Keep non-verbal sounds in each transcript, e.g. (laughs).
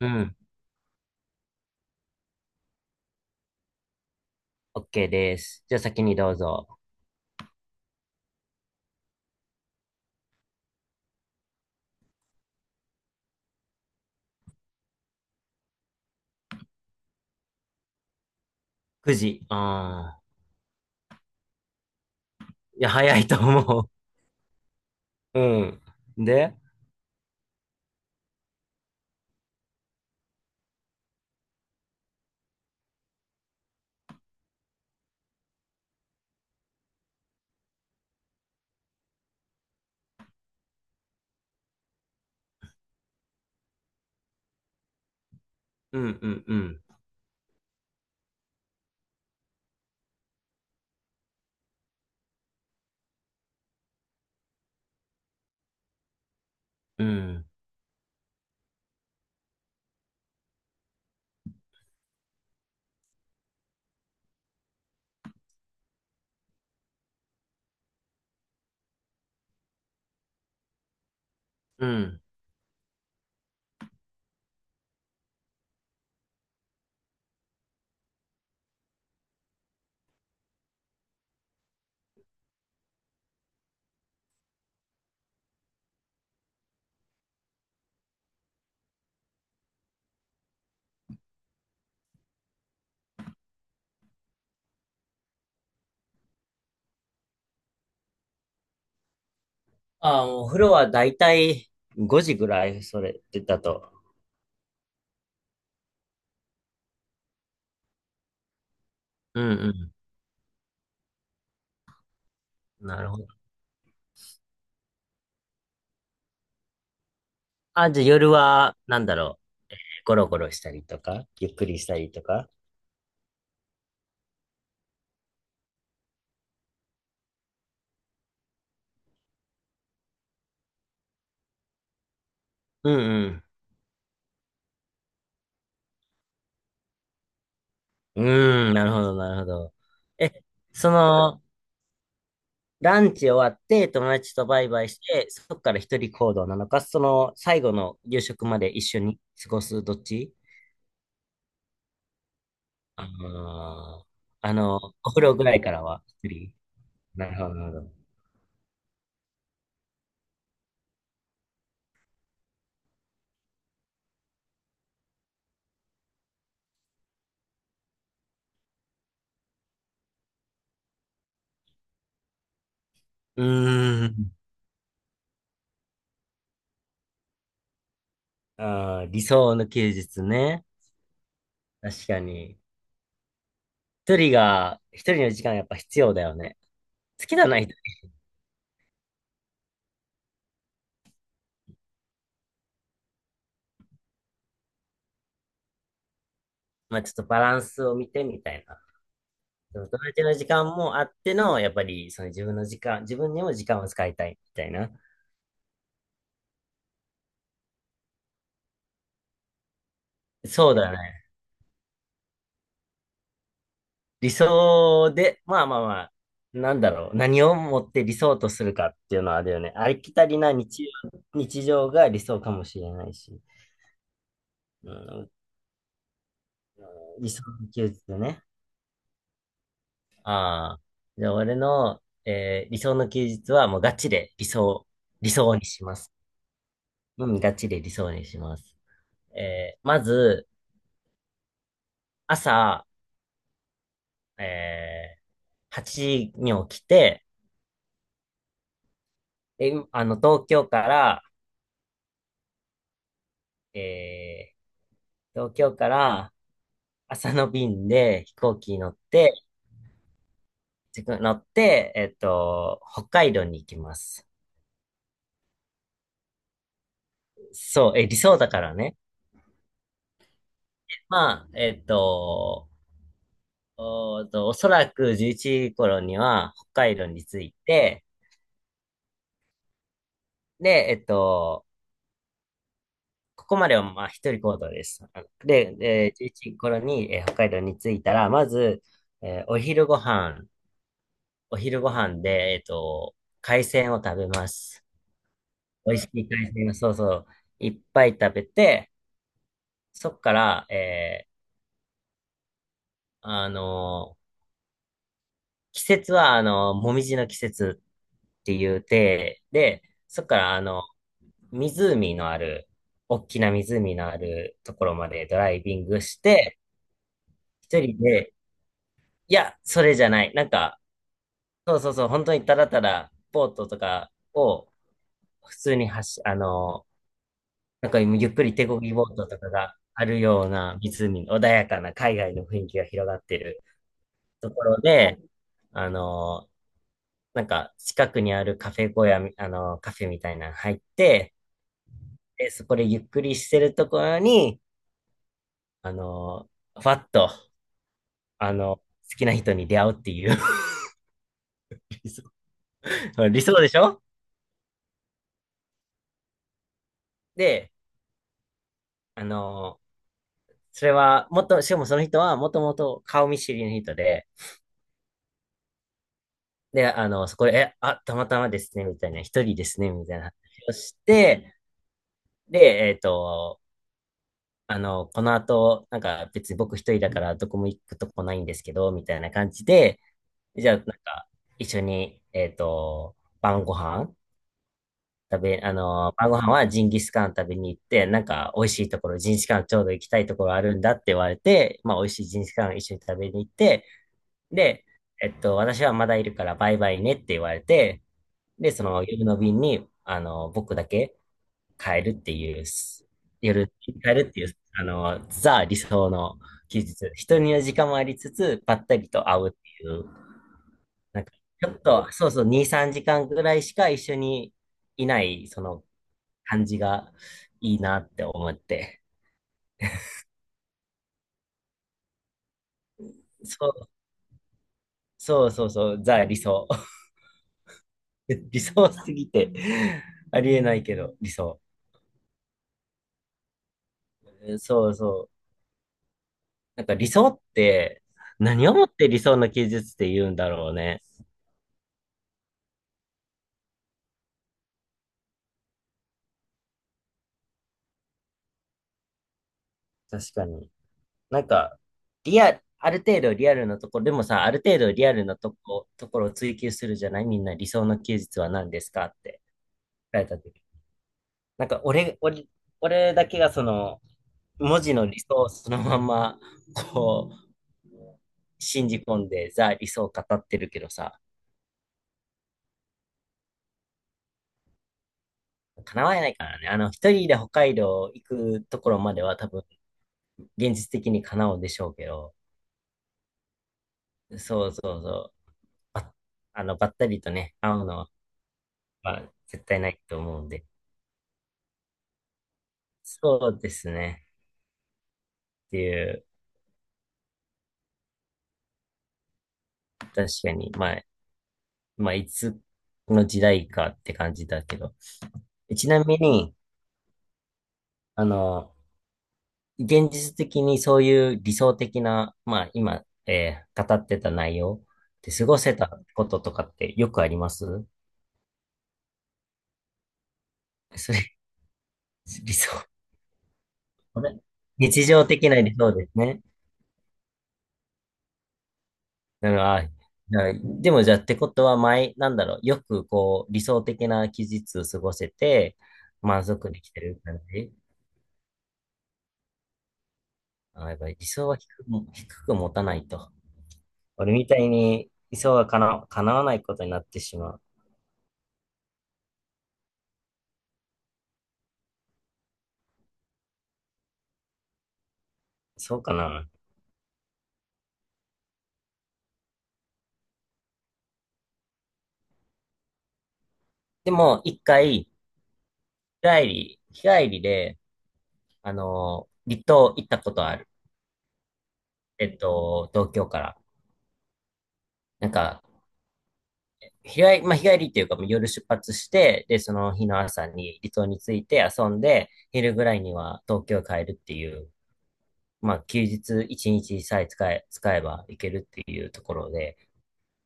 うん。OK です。じゃあ先にどうぞ。9時。ああ。いや、早いと思う。うん。で、うんうんうん。うん。うん。ああ、もうお風呂はだいたい5時ぐらい、それってだと。うんうん。なるほど。あ、じゃあ夜は、なんだろう。ゴロゴロしたりとか、ゆっくりしたりとか。うんうん。うーん、なるほど、なるほど。え、その、ランチ終わって、友達とバイバイして、そこから一人行動なのか、その最後の夕食まで一緒に過ごすどっち。あのーあの、お風呂ぐらいからは一人。なるほど、なるほど。うーん。あー、理想の休日ね。確かに。一人が、一人の時間やっぱ必要だよね。好きだない人。まあちょっとバランスを見てみたいな。その友達の時間もあっての、やっぱりその自分の時間、自分にも時間を使いたいみたいな。そうだね。理想で、まあまあまあ、なんだろう。何をもって理想とするかっていうのはあれよね。ありきたりな日常が理想かもしれないし。うん、理想の休日ね。ああ。じゃあ俺の、理想の休日はもうガチで理想にします。うん、ガチで理想にします。まず、朝、え8時に起きて、え、あの、東京から、えー東京から、朝の便で飛行機に乗って、自分乗って、北海道に行きます。そう、え、理想だからね。まあ、えっと、おーと、おそらく11時頃には北海道に着いて、で、ここまではまあ一人行動です。あので、えー11時頃に、北海道に着いたら、まず、えーお昼ご飯、お昼ご飯で、海鮮を食べます。美味しい海鮮を、そうそう、いっぱい食べて、そっから、あの季節は、あのもみじの季節っていうて、で、そっから、あの、湖のある、大きな湖のあるところまでドライビングして、一人で、いや、それじゃない。なんか、そうそうそう、本当にただただ、ボートとかを、普通に走、あのなんか今ゆっくり手漕ぎボートとかがあるような湖、穏やかな海外の雰囲気が広がってるところで、あの、なんか近くにあるカフェみたいなの入って、で、そこでゆっくりしてるところに、あの、ふわっと、あの、好きな人に出会うっていう (laughs) 理想理想でしょ。で、あの、それは、もっと、しかもその人はもともと顔見知りの人で、で、あの、そこで、たまたまですね、みたいな、一人ですね、みたいな話をして、で、あの、この後、なんか別に僕一人だからどこも行くとこないんですけど、みたいな感じで、じゃあなんか一緒に、晩ご飯食べ、あの、晩ご飯はジンギスカン食べに行って、なんか美味しいところ、ジンギスカンちょうど行きたいところあるんだって言われて、まあ美味しいジンギスカン一緒に食べに行って、で、私はまだいるからバイバイねって言われて、で、その夜の便に、あの、僕だけ、変えるっていう、夜やる、変えるっていう、あの、ザ理想の休日。人には時間もありつつ、ばったりと会うっていう、なんか、ちょっと、そうそう、2、3時間ぐらいしか一緒にいない、その感じがいいなって思って。そう、そうそうそう、ザ理想。(laughs) 理想すぎてありえないけど、理想。そうそう。なんか理想って、何をもって理想の休日って言うんだろうね。確かに。なんか、ある程度リアルなところ、でもさ、ある程度リアルなところを追求するじゃないみんな理想の休日は何ですかって聞れた時。なんか俺だけがその、文字の理想をそのまま、こう、信じ込んでザ理想を語ってるけどさ、叶わないからね。あの、一人で北海道行くところまでは多分、現実的に叶うんでしょうけど、そうそうそう、ばあの、ばったりとね、会うのはまあ、絶対ないと思うんで。そうですね。っていう、確かに、まあ、まあ、いつの時代かって感じだけど。ちなみに、あの、現実的にそういう理想的な、まあ、今、語ってた内容で過ごせたこととかってよくありますそれ、理想。(laughs) これ日常的な理想ですね。なるほど。でもじゃあってことは前、なんだろう、よくこう理想的な期日を過ごせて満足できてる感じ。あ、やっぱり理想は低くも、低く持たないと。俺みたいに理想はかな、叶わないことになってしまう。そうかな。でも一回、日帰りで、あの、離島行ったことある。えっと、東京から。なんか日帰り、まあ、日帰りっていうか、夜出発して、で、その日の朝に離島に着いて遊んで、昼ぐらいには東京帰るっていう、まあ、休日一日さえ使えば行けるっていうところで、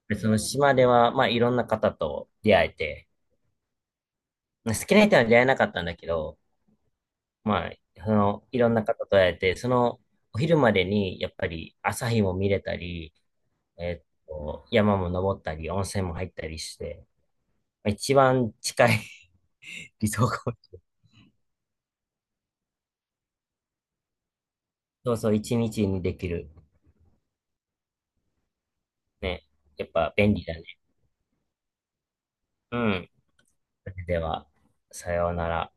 でその島では、まあ、いろんな方と出会えて、まあ好きな人は出会えなかったんだけど、まあ、その、いろんな方と会えて、その、お昼までに、やっぱり朝日も見れたり、えっと、山も登ったり、温泉も入ったりして、まあ一番近い (laughs) 理想か。そうそう、一日にできる。ね。やっぱ便利だね。うん。それでは、さようなら。